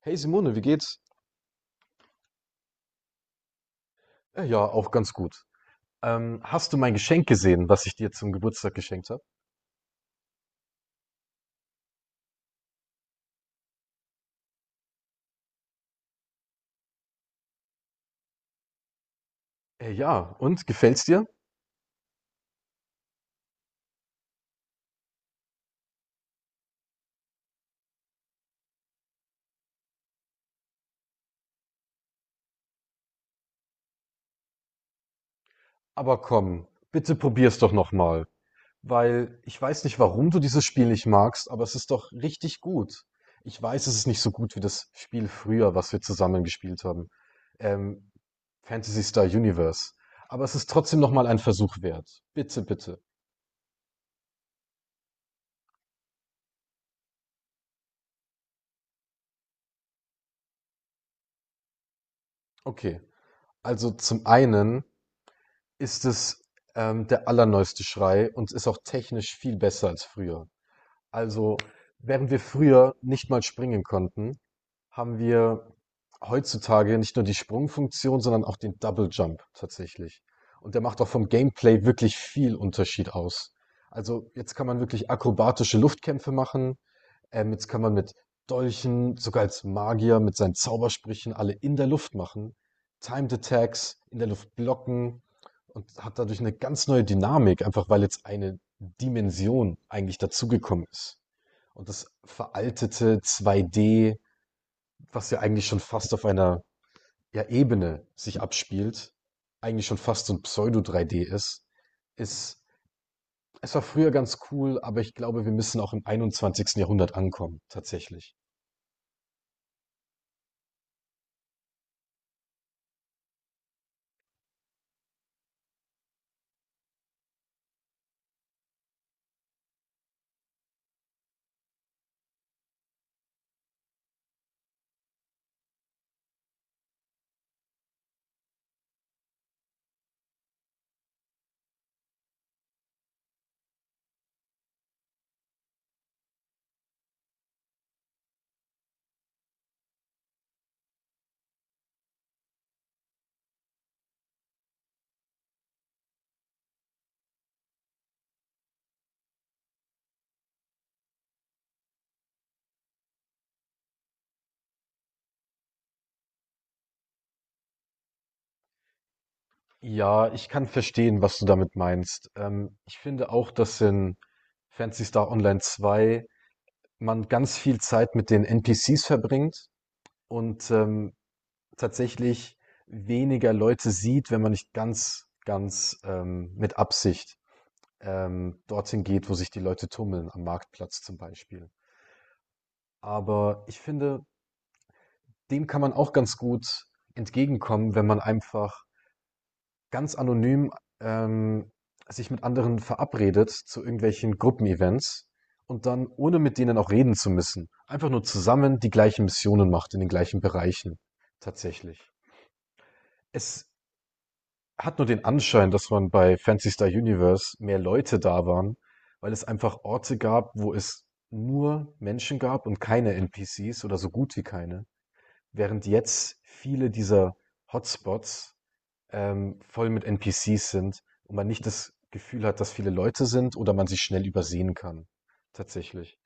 Hey Simone, wie geht's? Ja, auch ganz gut. Hast du mein Geschenk gesehen, was ich dir zum Geburtstag geschenkt habe? Ja, und gefällt's dir? Aber komm, bitte probier's doch nochmal. Weil ich weiß nicht, warum du dieses Spiel nicht magst, aber es ist doch richtig gut. Ich weiß, es ist nicht so gut wie das Spiel früher, was wir zusammen gespielt haben. Ähm, Fantasy Star Universe. Aber es ist trotzdem nochmal ein Versuch wert. Bitte, bitte. Okay. Also zum einen ist es der allerneueste Schrei und ist auch technisch viel besser als früher. Also, während wir früher nicht mal springen konnten, haben wir heutzutage nicht nur die Sprungfunktion, sondern auch den Double Jump tatsächlich. Und der macht auch vom Gameplay wirklich viel Unterschied aus. Also jetzt kann man wirklich akrobatische Luftkämpfe machen. Jetzt kann man mit Dolchen, sogar als Magier, mit seinen Zaubersprüchen alle in der Luft machen. Timed Attacks, in der Luft blocken und hat dadurch eine ganz neue Dynamik, einfach weil jetzt eine Dimension eigentlich dazugekommen ist. Und das veraltete 2D, was ja eigentlich schon fast auf einer, ja, Ebene sich abspielt, eigentlich schon fast so ein Pseudo-3D ist, es war früher ganz cool, aber ich glaube, wir müssen auch im 21. Jahrhundert ankommen, tatsächlich. Ja, ich kann verstehen, was du damit meinst. Ich finde auch, dass in Fantasy Star Online 2 man ganz viel Zeit mit den NPCs verbringt und tatsächlich weniger Leute sieht, wenn man nicht ganz, ganz mit Absicht dorthin geht, wo sich die Leute tummeln, am Marktplatz zum Beispiel. Aber ich finde, dem kann man auch ganz gut entgegenkommen, wenn man einfach ganz anonym ähm, sich mit anderen verabredet zu irgendwelchen Gruppenevents und dann, ohne mit denen auch reden zu müssen, einfach nur zusammen die gleichen Missionen macht in den gleichen Bereichen tatsächlich. Es hat nur den Anschein, dass man bei Phantasy Star Universe mehr Leute da waren, weil es einfach Orte gab, wo es nur Menschen gab und keine NPCs oder so gut wie keine. Während jetzt viele dieser Hotspots voll mit NPCs sind und man nicht das Gefühl hat, dass viele Leute sind oder man sie schnell übersehen kann. Tatsächlich.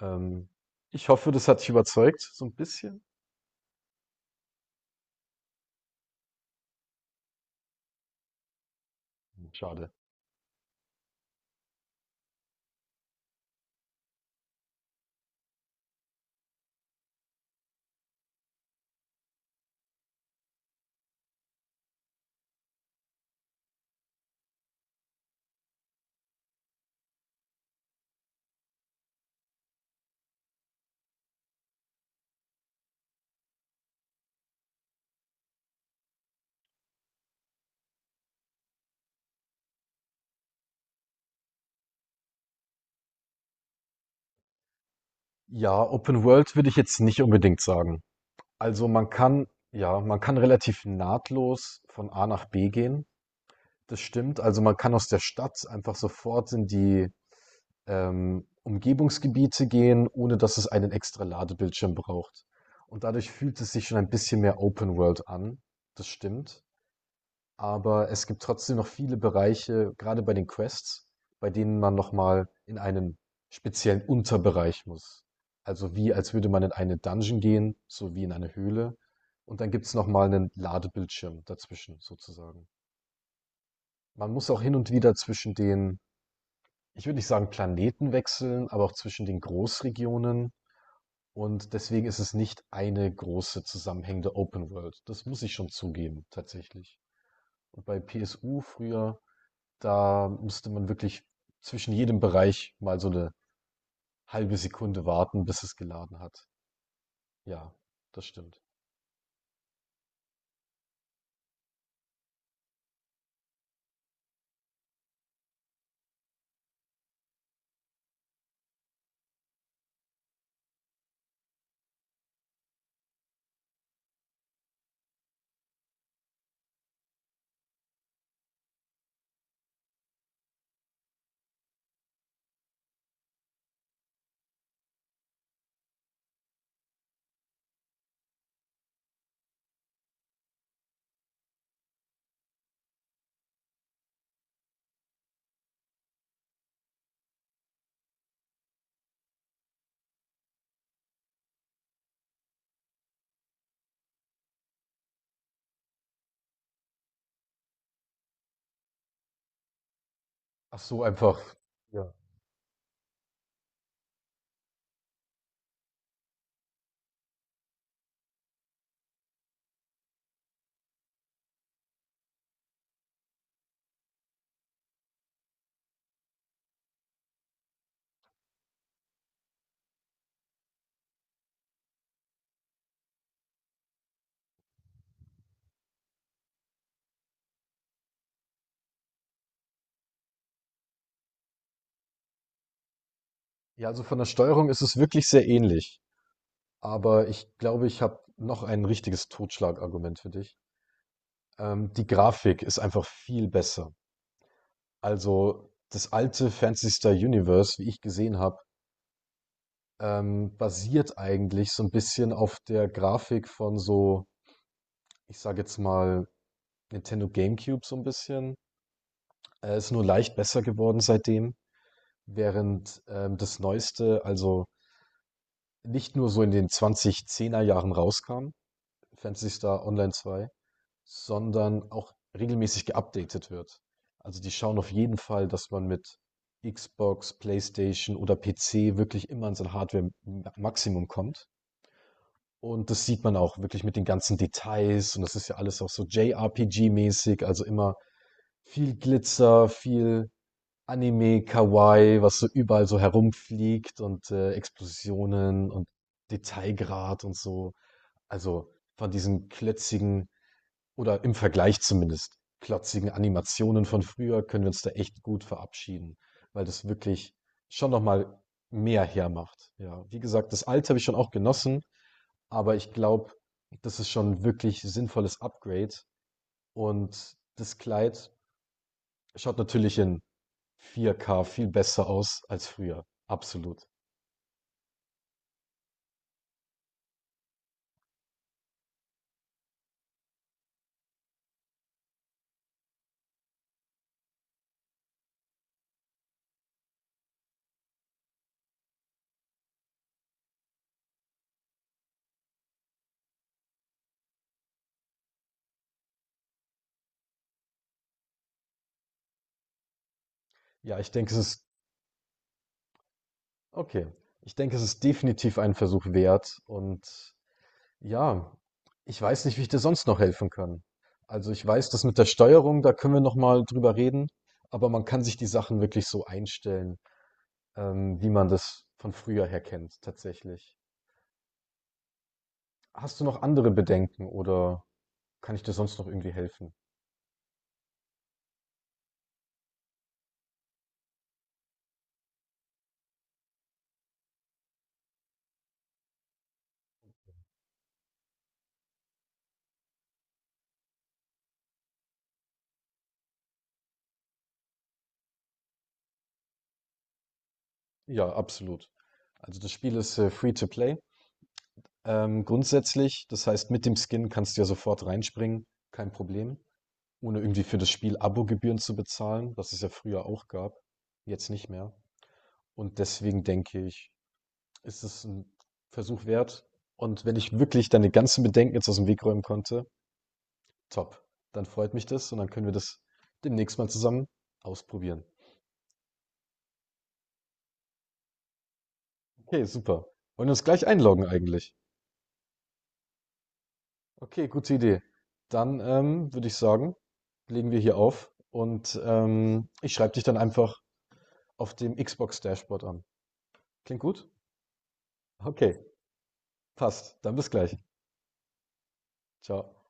Ähm, ich hoffe, das hat dich überzeugt, so ein bisschen. Schade. Ja, Open World würde ich jetzt nicht unbedingt sagen. Also man kann, ja, man kann relativ nahtlos von A nach B gehen. Das stimmt. Also man kann aus der Stadt einfach sofort in die Umgebungsgebiete gehen, ohne dass es einen extra Ladebildschirm braucht. Und dadurch fühlt es sich schon ein bisschen mehr Open World an. Das stimmt. Aber es gibt trotzdem noch viele Bereiche, gerade bei den Quests, bei denen man nochmal in einen speziellen Unterbereich muss. Also wie, als würde man in eine Dungeon gehen, so wie in eine Höhle. Und dann gibt's noch nochmal einen Ladebildschirm dazwischen, sozusagen. Man muss auch hin und wieder zwischen den, ich würde nicht sagen Planeten wechseln, aber auch zwischen den Großregionen. Und deswegen ist es nicht eine große zusammenhängende Open World. Das muss ich schon zugeben, tatsächlich. Und bei PSU früher, da musste man wirklich zwischen jedem Bereich mal so eine halbe Sekunde warten, bis es geladen hat. Ja, das stimmt. Ach so, einfach ja. Ja, also von der Steuerung ist es wirklich sehr ähnlich, aber ich glaube, ich habe noch ein richtiges Totschlagargument für dich. Die Grafik ist einfach viel besser. Also, das alte Phantasy Star Universe, wie ich gesehen habe, basiert eigentlich so ein bisschen auf der Grafik von so, ich sage jetzt mal, Nintendo GameCube so ein bisschen. Ist nur leicht besser geworden seitdem, während, das Neueste, also nicht nur so in den 2010er Jahren rauskam, Phantasy Star Online 2, sondern auch regelmäßig geupdatet wird. Also die schauen auf jeden Fall, dass man mit Xbox, PlayStation oder PC wirklich immer an sein Hardware-Maximum kommt. Und das sieht man auch wirklich mit den ganzen Details und das ist ja alles auch so JRPG-mäßig, also immer viel Glitzer, viel Anime, Kawaii, was so überall so herumfliegt und Explosionen und Detailgrad und so. Also von diesen klötzigen oder im Vergleich zumindest klotzigen Animationen von früher können wir uns da echt gut verabschieden, weil das wirklich schon nochmal mehr hermacht. Ja, wie gesagt, das alte habe ich schon auch genossen, aber ich glaube, das ist schon ein wirklich sinnvolles Upgrade und das Kleid schaut natürlich in 4K viel besser aus als früher. Absolut. Ja, ich denke, es ist okay. Ich denke, es ist definitiv einen Versuch wert. Und ja, ich weiß nicht, wie ich dir sonst noch helfen kann. Also ich weiß, dass mit der Steuerung, da können wir noch mal drüber reden. Aber man kann sich die Sachen wirklich so einstellen, wie man das von früher her kennt, tatsächlich. Hast du noch andere Bedenken oder kann ich dir sonst noch irgendwie helfen? Ja, absolut. Also das Spiel ist free to play. Grundsätzlich, das heißt, mit dem Skin kannst du ja sofort reinspringen, kein Problem, ohne irgendwie für das Spiel Abogebühren zu bezahlen, was es ja früher auch gab, jetzt nicht mehr. Und deswegen denke ich, ist es ein Versuch wert. Und wenn ich wirklich deine ganzen Bedenken jetzt aus dem Weg räumen konnte, top. Dann freut mich das und dann können wir das demnächst mal zusammen ausprobieren. Okay, super. Wollen wir uns gleich einloggen eigentlich? Okay, gute Idee. Dann würde ich sagen, legen wir hier auf und ich schreibe dich dann einfach auf dem Xbox Dashboard an. Klingt gut? Okay, passt. Dann bis gleich. Ciao.